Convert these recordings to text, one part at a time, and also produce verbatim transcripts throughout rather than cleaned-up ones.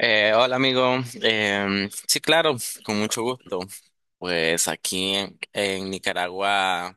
Eh, hola amigo. Em, sí claro, con mucho gusto. Pues aquí en, en Nicaragua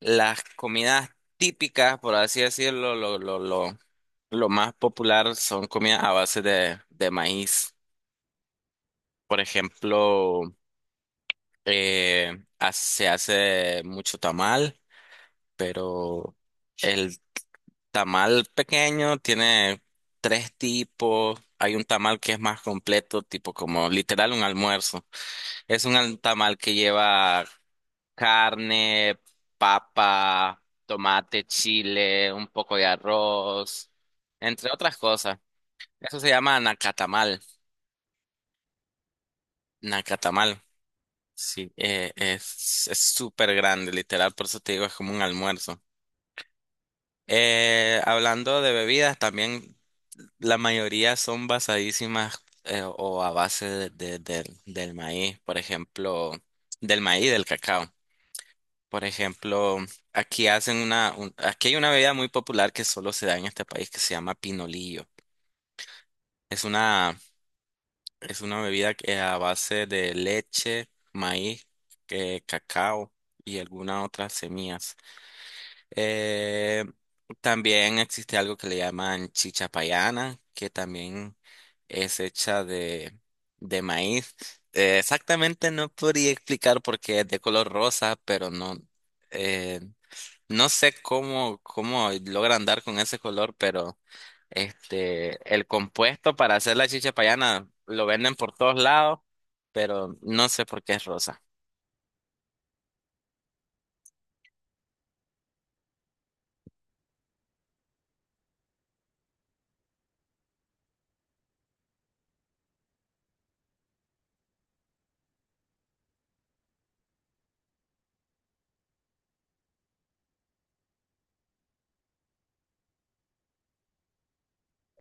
las comidas típicas, por así decirlo, lo, lo, lo, lo más popular son comidas a base de, de maíz. Por ejemplo, eh, ha- se hace mucho tamal, pero el tamal pequeño tiene tres tipos. Hay un tamal que es más completo, tipo como literal un almuerzo. Es un al- tamal que lleva carne, papa, tomate, chile, un poco de arroz, entre otras cosas. Eso se llama nacatamal. Nacatamal. Sí, eh, es es súper grande, literal, por eso te digo, es como un almuerzo. Eh, hablando de bebidas, también la mayoría son basadísimas eh, o a base de- de- del del maíz, por ejemplo, del maíz, del cacao. Por ejemplo, aquí hacen una, un- aquí hay una bebida muy popular que solo se da en este país que se llama pinolillo. Es una, es una bebida que- a base de leche, maíz, eh, cacao y algunas otras semillas. Eh, También existe algo que le llaman chichapayana, que también es hecha de, de maíz. Eh, exactamente no podría explicar porque es de color rosa, pero no. eh, No sé cómo, cómo logran dar con ese color, pero este, el compuesto para hacer la chicha payana lo venden por todos lados, pero no sé por qué es rosa.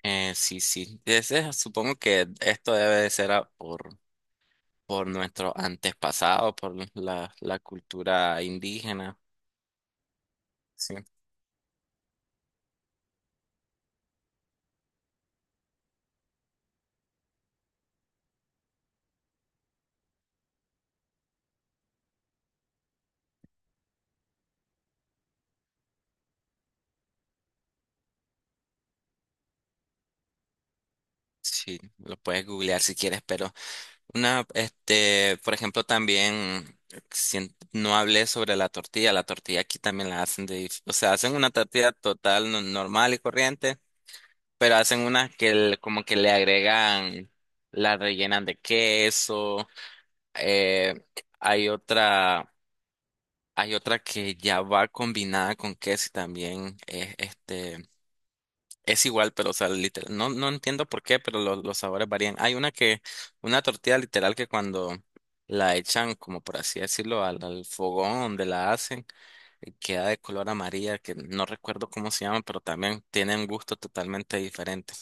Eh, sí, sí. Ese, supongo que esto debe de ser a- por, por nuestro antepasado, por la, la cultura indígena. Sí. Sí, lo puedes googlear si quieres, pero Una, este, por ejemplo, también sien- no hablé sobre la tortilla. La tortilla aquí también la hacen de, dif- o sea, hacen una tortilla total no- normal y corriente, pero hacen una que le- como que le agregan, la rellenan de queso. eh, Hay otra, hay otra que ya va combinada con queso y también es, este. Es igual, pero o sea, literal, no, no entiendo por qué, pero los, los sabores varían. Hay una que, una tortilla literal que cuando la echan, como por así decirlo, al, al fogón donde la hacen, eh, queda de color amarilla, que no recuerdo cómo se llama, pero también tiene un gusto totalmente diferente.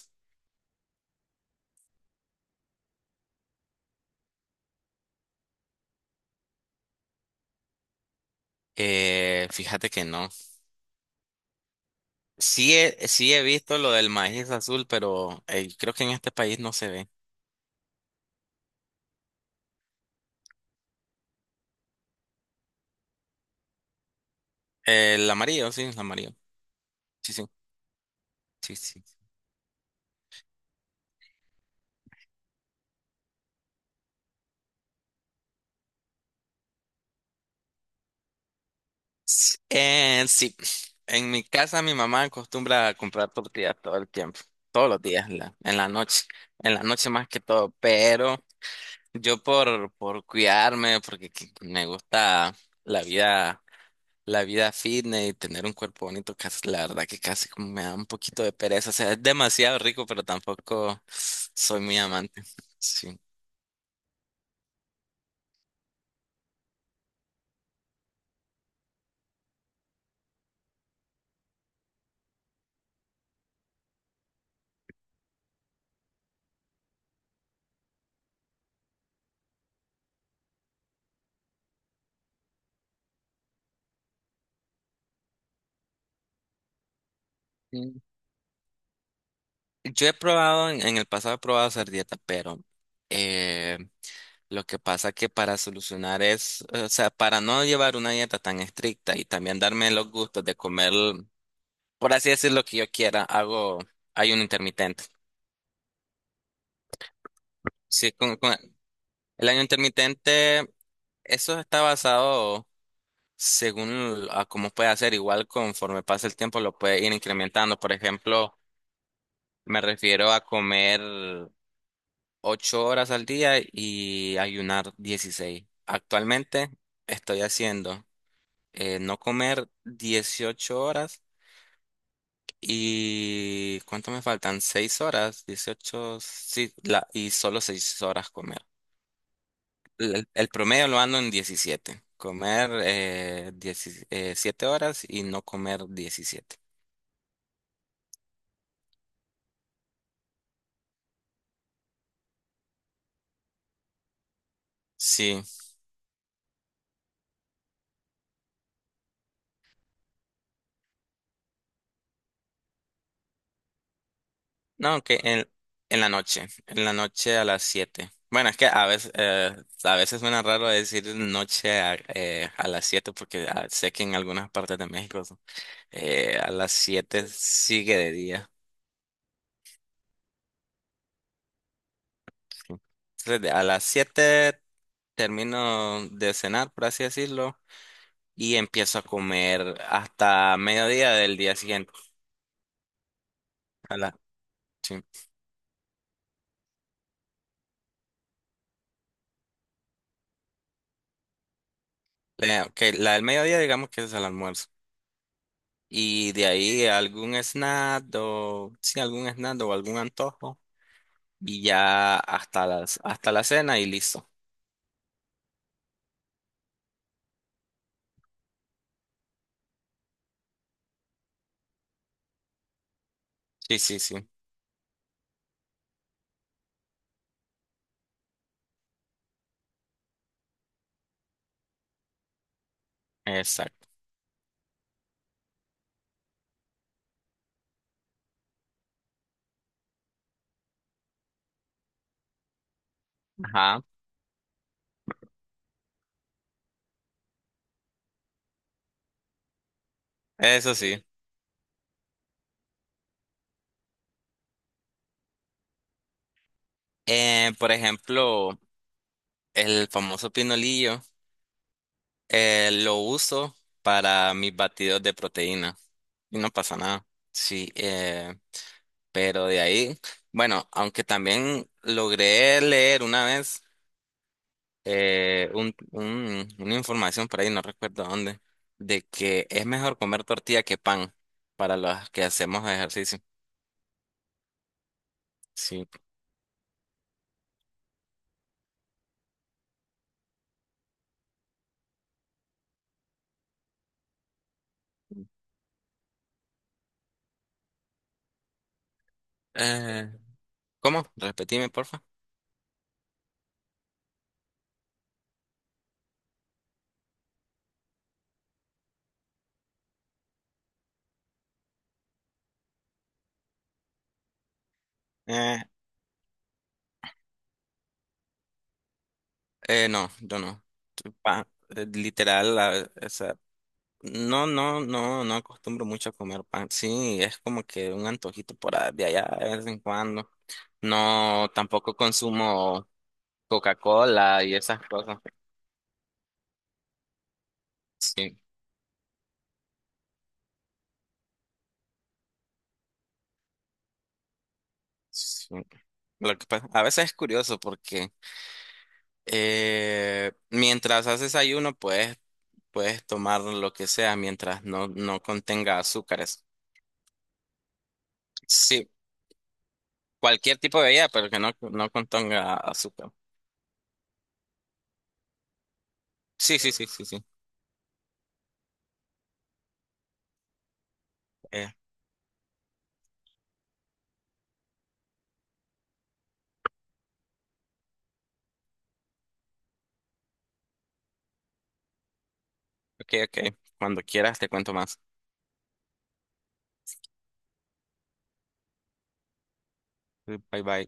Eh, fíjate que no. Sí he, sí he visto lo del maíz azul, pero eh, creo que en este país no se ve. El amarillo, sí, el amarillo. Sí, sí, sí, sí. Eh, sí, en mi casa mi mamá acostumbra a comprar tortillas todo el tiempo, todos los días, en la, en la noche, en la noche más que todo, pero yo por, por cuidarme, porque que- me gusta la vida, la vida fitness y tener un cuerpo bonito, casi, la verdad que casi como me da un poquito de pereza, o sea, es demasiado rico, pero tampoco soy muy amante. Sí. Yo he probado, en, en el pasado he probado hacer dieta, pero eh, lo que pasa que para solucionar es, o sea, para no llevar una dieta tan estricta y también darme los gustos de comer, por así decir, lo que yo quiera, hago ayuno intermitente. Sí, con, con el ayuno intermitente, eso está basado según a cómo puede hacer, igual conforme pasa el tiempo lo puede ir incrementando. Por ejemplo, me refiero a comer ocho horas al día y ayunar dieciséis. Actualmente estoy haciendo eh, no comer dieciocho horas y ¿cuánto me faltan? Seis horas, dieciocho sí, la, y solo seis horas comer. El, el promedio lo ando en diecisiete. Comer eh, diecisiete horas y no comer diecisiete. Sí. No, que en, en la noche, en la noche a las siete. Bueno, es que a veces, eh, a veces suena raro decir noche a, eh, a las siete porque ah, sé que en algunas partes de México eh, a las siete sigue de día. Sí. Entonces, de- a las siete termino de cenar, por así decirlo, y empiezo a comer hasta mediodía del día siguiente. A la, sí. La- ok, la del mediodía digamos que es el almuerzo. Y de ahí algún snack o sí, algún snack o algún antojo. Y ya hasta las, hasta la cena y listo. Sí, sí, sí. Exacto. Ajá. Eso sí. Eh, por ejemplo, el famoso pinolillo eh, lo uso para mis batidos de proteína. Y no pasa nada. Sí, eh, pero de ahí, bueno, aunque también logré leer una vez. Eh, un, un- una información por ahí, no recuerdo dónde, de que es mejor comer tortilla que pan para los que hacemos ejercicio. Sí. Eh, ¿cómo? Repetime, porfa. Eh, eh, no, yo no. Pan, eh, literal, la- o sea, no, no, no, no acostumbro mucho a comer pan. Sí, es como que un antojito por a- de allá de vez en cuando. No, tampoco consumo Coca-Cola y esas cosas. Sí. Sí. Lo que pasa- a veces es curioso porque eh, mientras haces ayuno puedes, puedes tomar lo que sea mientras no, no contenga azúcares. Sí, cualquier tipo de bebida, pero que no, no contenga azúcar. Sí, sí, sí, sí, sí. Eh, ok, ok. Cuando quieras te cuento más. Bye, bye.